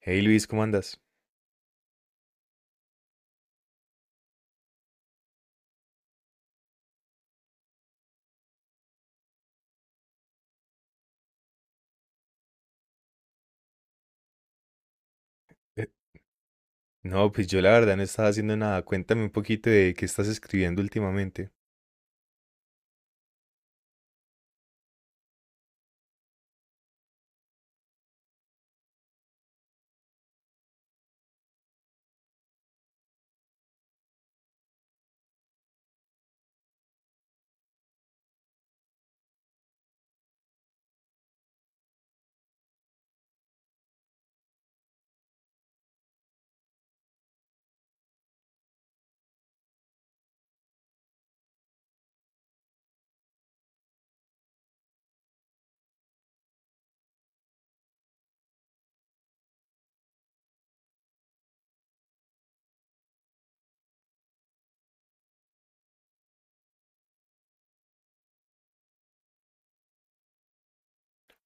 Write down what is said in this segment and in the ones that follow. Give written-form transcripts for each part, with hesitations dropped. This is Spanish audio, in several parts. Hey Luis, ¿cómo andas? Eh, No, pues yo la verdad no estaba haciendo nada. Cuéntame un poquito de qué estás escribiendo últimamente.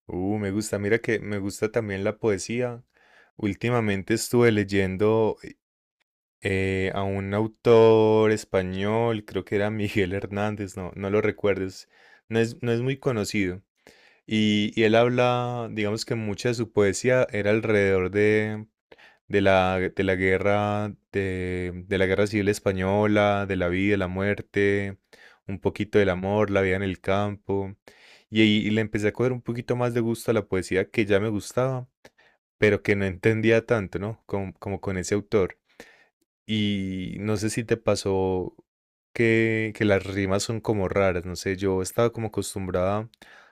Me gusta. Mira que me gusta también la poesía. Últimamente estuve leyendo a un autor español, creo que era Miguel Hernández, no, no lo recuerdes. No es muy conocido. Y él habla, digamos que mucha de su poesía era alrededor de la guerra, de la guerra civil española, de la vida, la muerte, un poquito del amor, la vida en el campo. Y ahí le empecé a coger un poquito más de gusto a la poesía que ya me gustaba, pero que no entendía tanto, ¿no? Como con ese autor. Y no sé si te pasó que las rimas son como raras, no sé, yo estaba como acostumbrada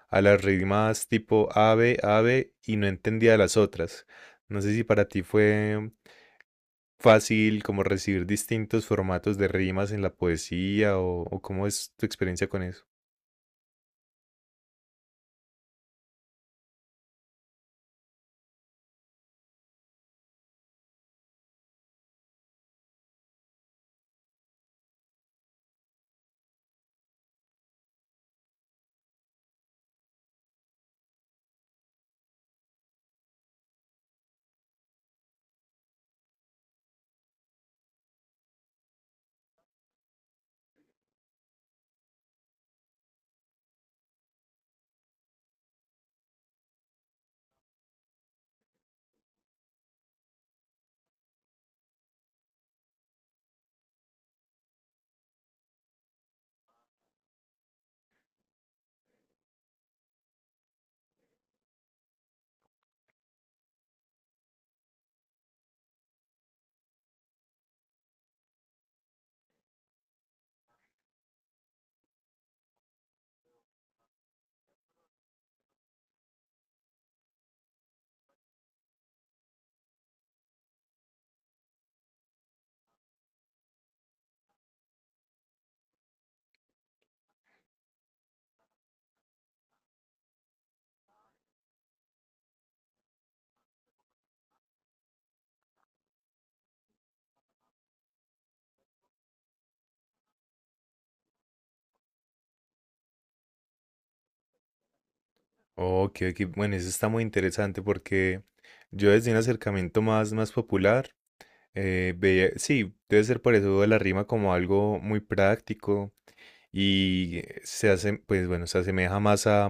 a las rimas tipo ave, ave y no entendía las otras. No sé si para ti fue fácil como recibir distintos formatos de rimas en la poesía o ¿cómo es tu experiencia con eso? Ok, ok, bueno, eso está muy interesante porque yo desde un acercamiento más popular, veía, sí, debe ser por eso de la rima como algo muy práctico y se hace, pues bueno, se asemeja más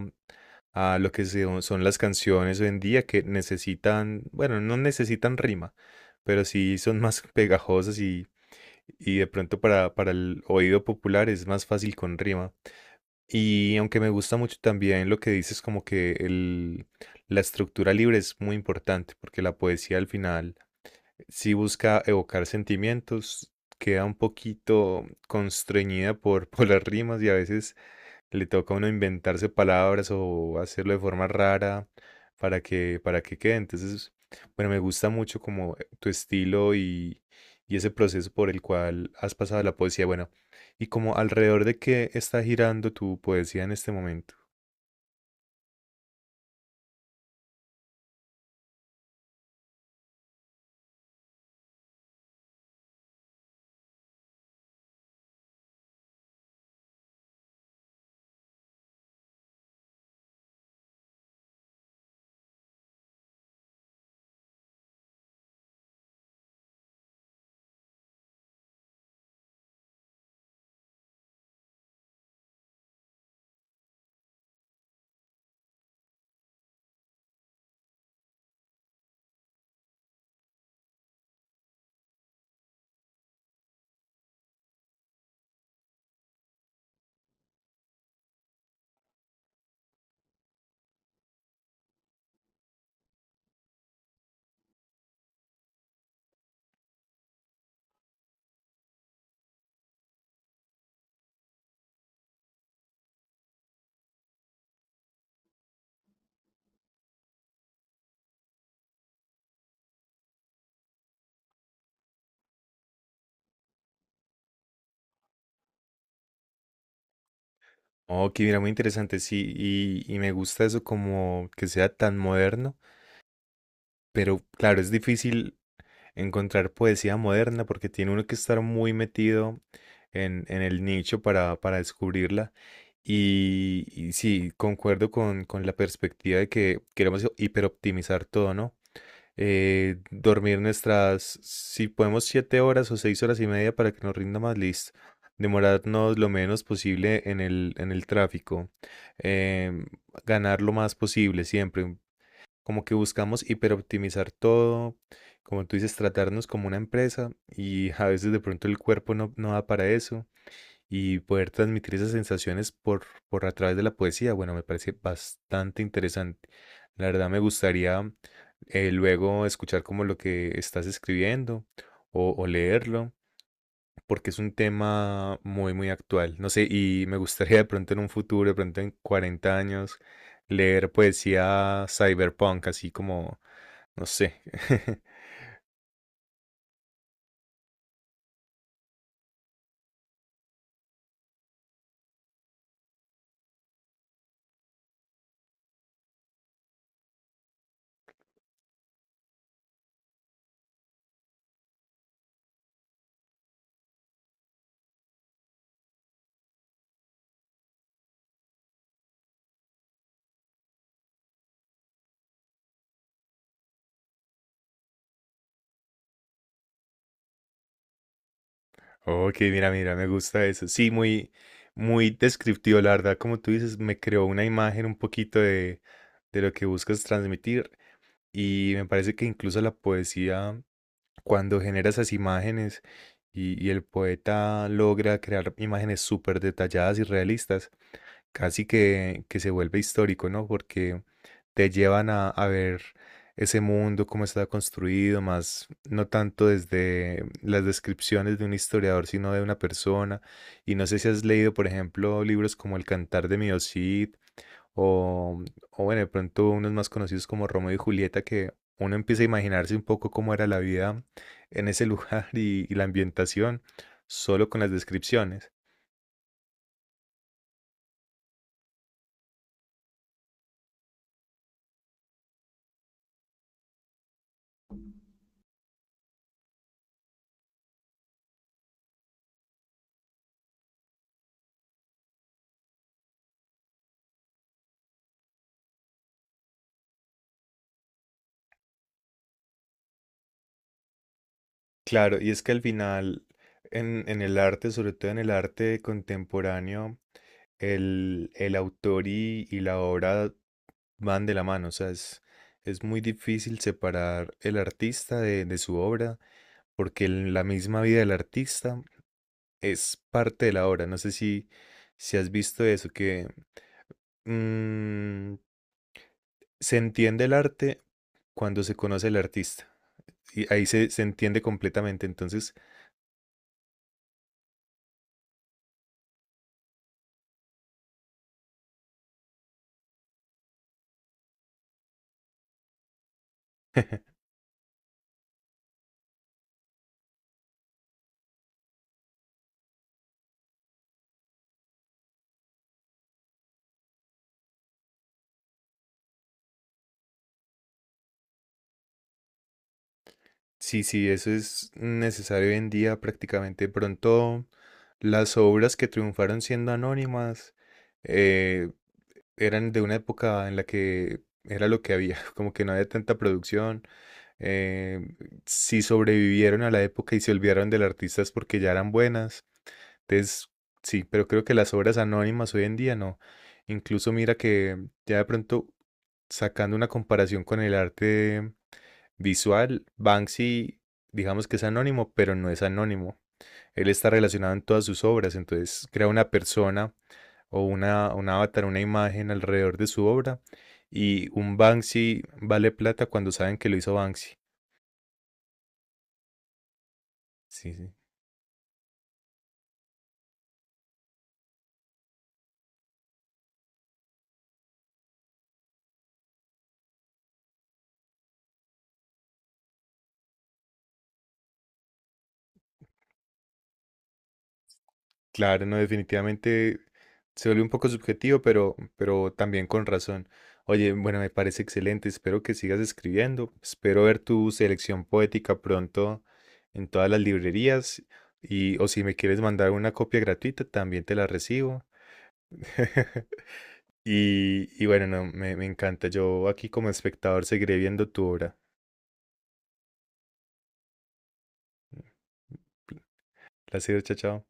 a lo que son las canciones hoy en día que necesitan, bueno, no necesitan rima, pero sí son más pegajosas. Y de pronto para el oído popular es más fácil con rima. Y aunque me gusta mucho también lo que dices, como que la estructura libre es muy importante, porque la poesía al final sí busca evocar sentimientos, queda un poquito constreñida por, por las rimas y a veces le toca a uno inventarse palabras o hacerlo de forma rara para que quede. Entonces, bueno, me gusta mucho como tu estilo y ese proceso por el cual has pasado la poesía. Bueno, y como alrededor de qué está girando tu poesía en este momento. Ok, mira, muy interesante, sí, y me gusta eso como que sea tan moderno, pero claro, es difícil encontrar poesía moderna porque tiene uno que estar muy metido en el nicho para descubrirla. Y sí, concuerdo con la perspectiva de que queremos hiperoptimizar todo, ¿no? Dormir nuestras, si podemos, 7 horas o 6 horas y media para que nos rinda más listo. Demorarnos lo menos posible en en el tráfico. em, Ganar lo más posible siempre como que buscamos hiperoptimizar todo, como tú dices, tratarnos como una empresa y a veces de pronto el cuerpo no, no da para eso y poder transmitir esas sensaciones por a través de la poesía, bueno, me parece bastante interesante. La verdad me gustaría luego escuchar como lo que estás escribiendo o leerlo, porque es un tema muy, muy actual. No sé, y me gustaría de pronto en un futuro, de pronto en 40 años, leer poesía cyberpunk, así como no sé. Ok, mira, mira, me gusta eso. Sí, muy, muy descriptivo, la verdad. Como tú dices, me creó una imagen un poquito de lo que buscas transmitir. Y me parece que incluso la poesía, cuando genera esas imágenes y el poeta logra crear imágenes súper detalladas y realistas, casi que se vuelve histórico, ¿no? Porque te llevan a ver ese mundo, cómo está construido, más no tanto desde las descripciones de un historiador, sino de una persona. Y no sé si has leído, por ejemplo, libros como El Cantar de Mio Cid o, o bueno, de pronto unos más conocidos como Romeo y Julieta, que uno empieza a imaginarse un poco cómo era la vida en ese lugar y la ambientación solo con las descripciones. Claro, y es que al final, en el arte, sobre todo en el arte contemporáneo, el autor y la obra van de la mano. O sea, es muy difícil separar el artista de su obra, porque la misma vida del artista es parte de la obra. No sé si, si has visto eso, que mm, se entiende el arte cuando se conoce el artista. Y ahí se, se entiende completamente. Entonces, sí, sí, eso es necesario hoy en día prácticamente. Pronto las obras que triunfaron siendo anónimas eh, eran de una época en la que era lo que había, como que no había tanta producción. eh, si sobrevivieron a la época y se olvidaron del artista es porque ya eran buenas. Entonces, sí, pero creo que las obras anónimas hoy en día no. Incluso mira que ya de pronto sacando una comparación con el arte visual, Banksy, digamos que es anónimo, pero no es anónimo. Él está relacionado en todas sus obras, entonces crea una persona o una, un avatar, una imagen alrededor de su obra. Y un Banksy vale plata cuando saben que lo hizo Banksy. Sí, sí. Claro, no, definitivamente se vuelve un poco subjetivo, pero también con razón. Oye, bueno, me parece excelente. Espero que sigas escribiendo. Espero ver tu selección poética pronto en todas las librerías. Y, o si me quieres mandar una copia gratuita, también te la recibo. Y, y bueno, no, me encanta. Yo aquí como espectador seguiré viendo tu obra. Placer, chao, chao.